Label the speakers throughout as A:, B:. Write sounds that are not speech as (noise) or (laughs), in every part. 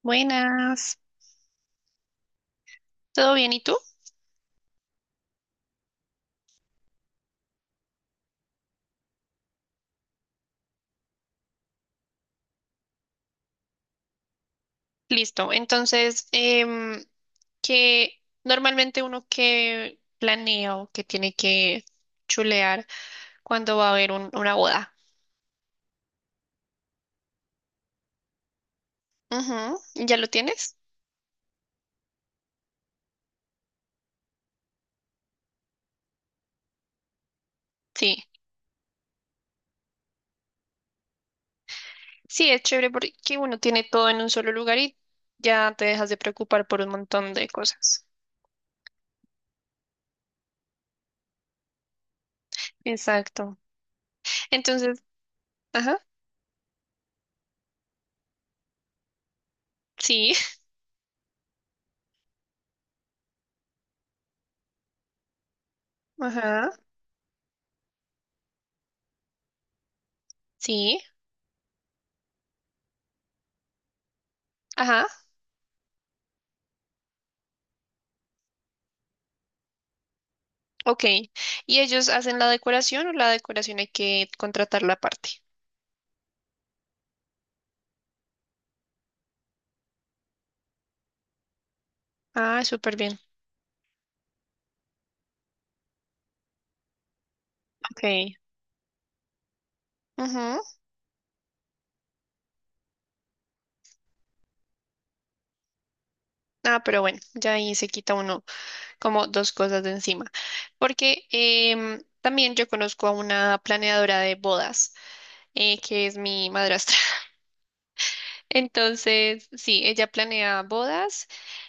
A: Buenas, ¿todo bien? ¿Y tú? Listo. Entonces, que normalmente uno que planea o que tiene que chulear cuando va a haber una boda. Ujú, ¿ya lo tienes? Sí. Sí, es chévere porque uno tiene todo en un solo lugar y ya te dejas de preocupar por un montón de cosas. Exacto. Entonces, ajá, sí, (laughs) ajá, sí, ajá. Ok. ¿Y ellos hacen la decoración o la decoración hay que contratarla aparte? Ah, súper bien. Ok. Ujú. Ah, pero bueno, ya ahí se quita uno como dos cosas de encima. Porque también yo conozco a una planeadora de bodas, que es mi madrastra. (laughs) Entonces, sí, ella planea bodas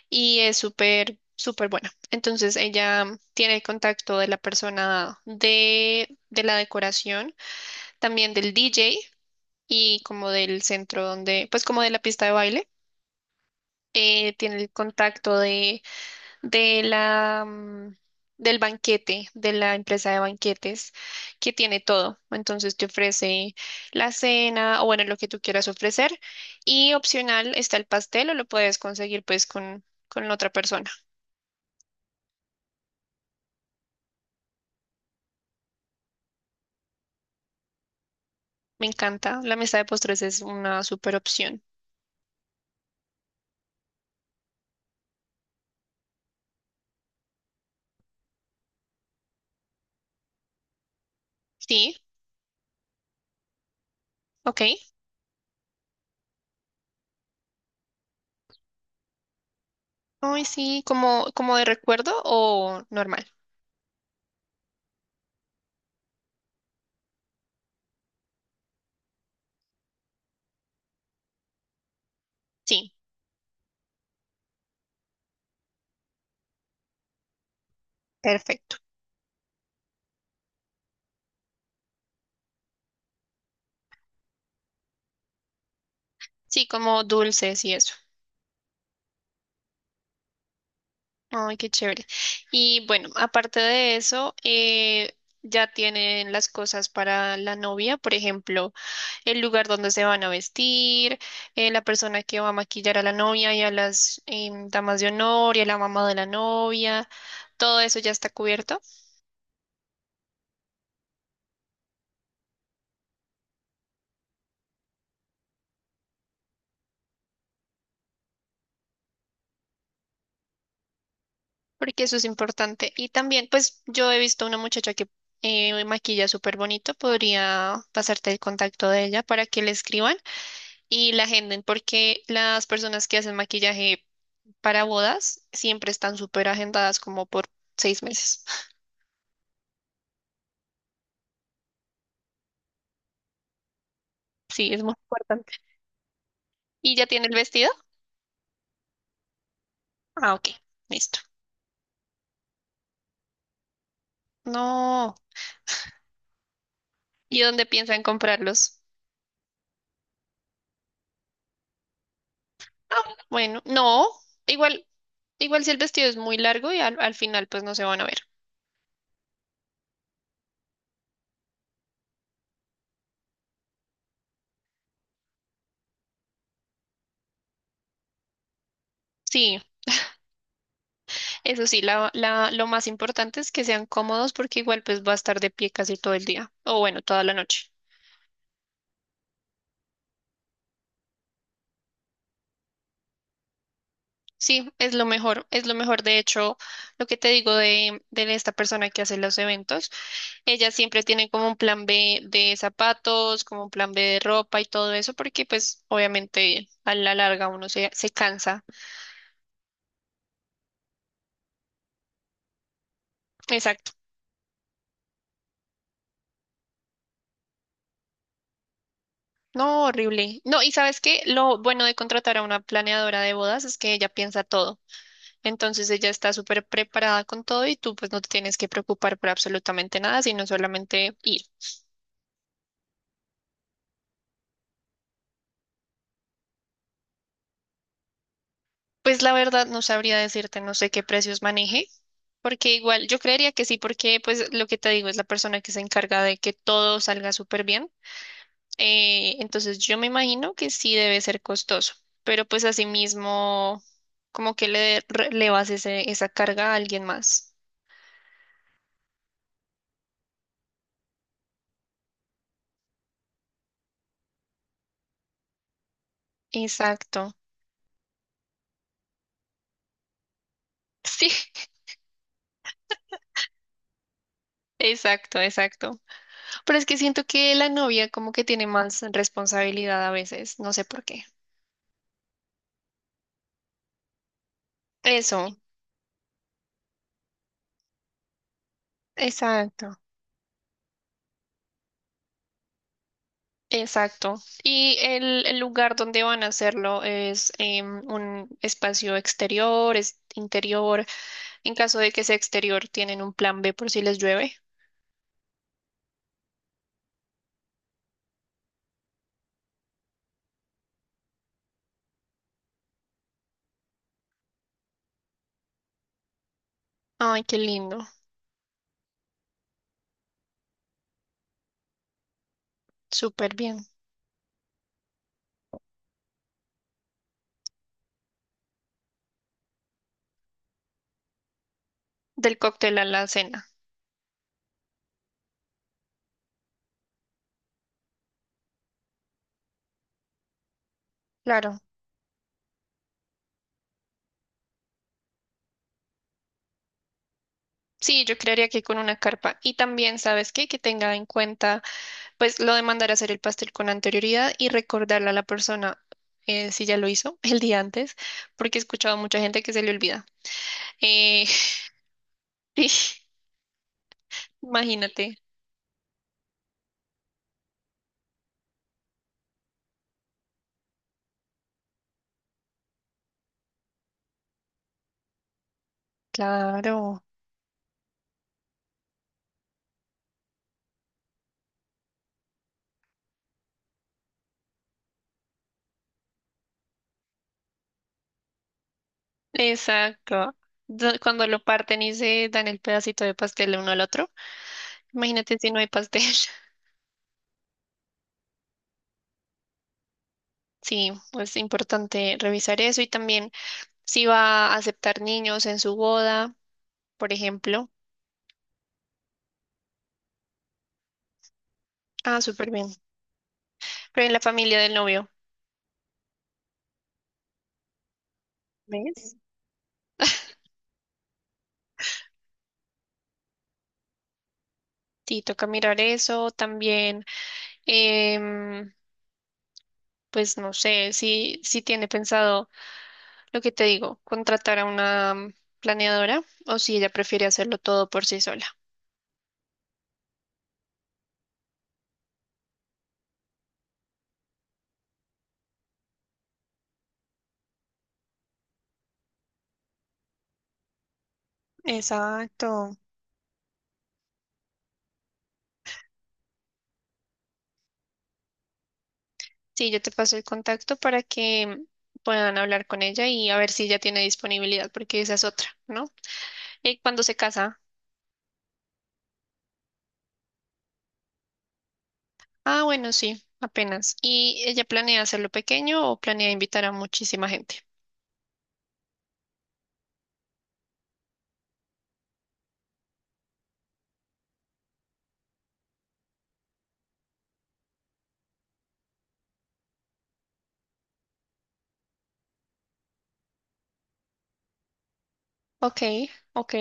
A: y es súper, súper buena. Entonces, ella tiene el contacto de la persona de la decoración, también del DJ, y como del centro donde, pues como de la pista de baile, tiene el contacto de la del banquete, de la empresa de banquetes, que tiene todo. Entonces te ofrece la cena o bueno, lo que tú quieras ofrecer. Y opcional está el pastel o lo puedes conseguir pues con la otra persona. Me encanta, la mesa de postres es una super opción. Sí, ok. Ay, sí, como, como de recuerdo o normal. Sí, perfecto. Sí, como dulces y eso. Ay, qué chévere. Y bueno, aparte de eso, ya tienen las cosas para la novia, por ejemplo, el lugar donde se van a vestir, la persona que va a maquillar a la novia y a las damas de honor y a la mamá de la novia. Todo eso ya está cubierto, porque eso es importante. Y también, pues yo he visto una muchacha que maquilla súper bonito, podría pasarte el contacto de ella para que le escriban y la agenden porque las personas que hacen maquillaje para bodas siempre están súper agendadas como por 6 meses. (laughs) Sí, es muy importante. ¿Y ya tiene el vestido? Ah, ok, listo. No. ¿Y dónde piensan comprarlos? Ah, bueno, no. Igual, igual si el vestido es muy largo y al final pues no se van a ver. Sí, eso sí, lo más importante es que sean cómodos porque igual pues va a estar de pie casi todo el día o bueno, toda la noche. Sí, es lo mejor, es lo mejor. De hecho, lo que te digo de esta persona que hace los eventos, ella siempre tiene como un plan B de zapatos, como un plan B de ropa y todo eso, porque pues obviamente a la larga uno se cansa. Exacto. No, horrible. No, y sabes qué, lo bueno de contratar a una planeadora de bodas es que ella piensa todo. Entonces ella está súper preparada con todo y tú pues no te tienes que preocupar por absolutamente nada, sino solamente ir. Pues la verdad no sabría decirte, no sé qué precios maneje. Porque igual, yo creería que sí, porque pues lo que te digo es la persona que se encarga de que todo salga súper bien. Entonces yo me imagino que sí debe ser costoso, pero pues asimismo como que le relevas esa carga a alguien más. Exacto. Sí, (laughs) exacto, exacto. Pero es que siento que la novia como que tiene más responsabilidad a veces, no sé por qué. Eso, exacto. Exacto. Y el lugar donde van a hacerlo es un espacio exterior, es interior. En caso de que sea exterior, tienen un plan B por si les llueve. Ay, qué lindo. Súper bien. Del cóctel a la cena. Claro. Sí, yo creería que con una carpa. Y también, ¿sabes qué? Que tenga en cuenta, pues, lo de mandar a hacer el pastel con anterioridad y recordarle a la persona, si ya lo hizo el día antes, porque he escuchado a mucha gente que se le olvida. Eh, (laughs) sí, imagínate. Claro, exacto. Cuando lo parten y se dan el pedacito de pastel el uno al otro, imagínate si no hay pastel. (laughs) Sí, pues es importante revisar eso y también si va a aceptar niños en su boda, por ejemplo. Ah, súper bien. Pero en la familia del novio, ¿ves? Sí, toca mirar eso también. em, pues no sé, si, si tiene pensado lo que te digo, contratar a una planeadora o si ella prefiere hacerlo todo por sí sola. Exacto. Sí, yo te paso el contacto para que puedan hablar con ella y a ver si ella tiene disponibilidad, porque esa es otra, ¿no? ¿Y cuándo se casa? Ah, bueno, sí, apenas. ¿Y ella planea hacerlo pequeño o planea invitar a muchísima gente? Ok, ok.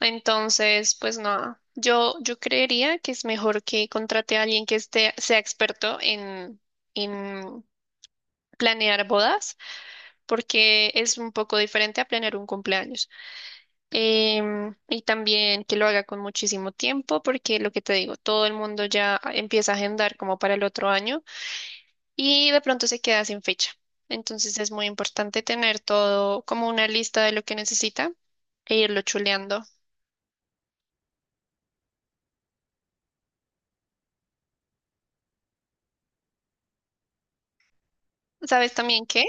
A: Entonces, pues nada, yo creería que es mejor que contrate a alguien que esté, sea experto en planear bodas, porque es un poco diferente a planear un cumpleaños. Y también que lo haga con muchísimo tiempo, porque lo que te digo, todo el mundo ya empieza a agendar como para el otro año y de pronto se queda sin fecha. Entonces es muy importante tener todo como una lista de lo que necesita e irlo chuleando. ¿Sabes también qué?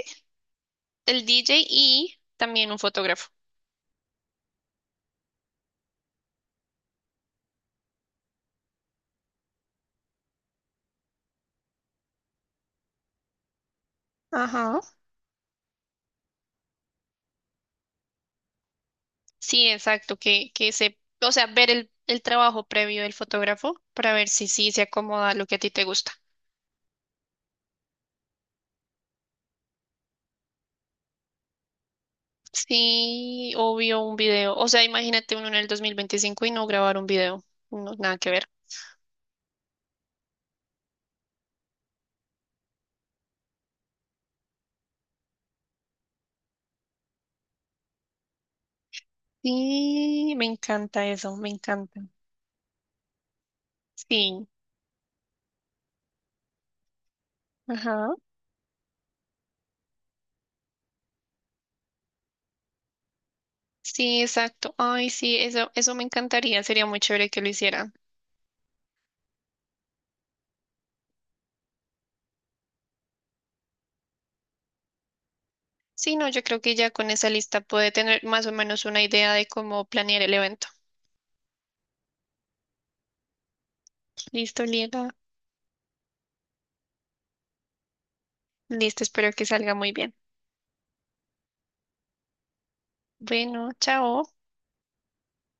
A: El DJ y también un fotógrafo. Ajá. Sí, exacto, que se, o sea, ver el trabajo previo del fotógrafo para ver si sí se acomoda a lo que a ti te gusta. Sí, obvio, un video. O sea, imagínate uno en el 2025 y no grabar un video. No, nada que ver. Sí, me encanta eso, me encanta. Sí, ajá. Sí, exacto. Ay, sí, eso me encantaría. Sería muy chévere que lo hicieran. Sí, no, yo creo que ya con esa lista puede tener más o menos una idea de cómo planear el evento. Listo, Liela. Listo, espero que salga muy bien. Bueno, chao.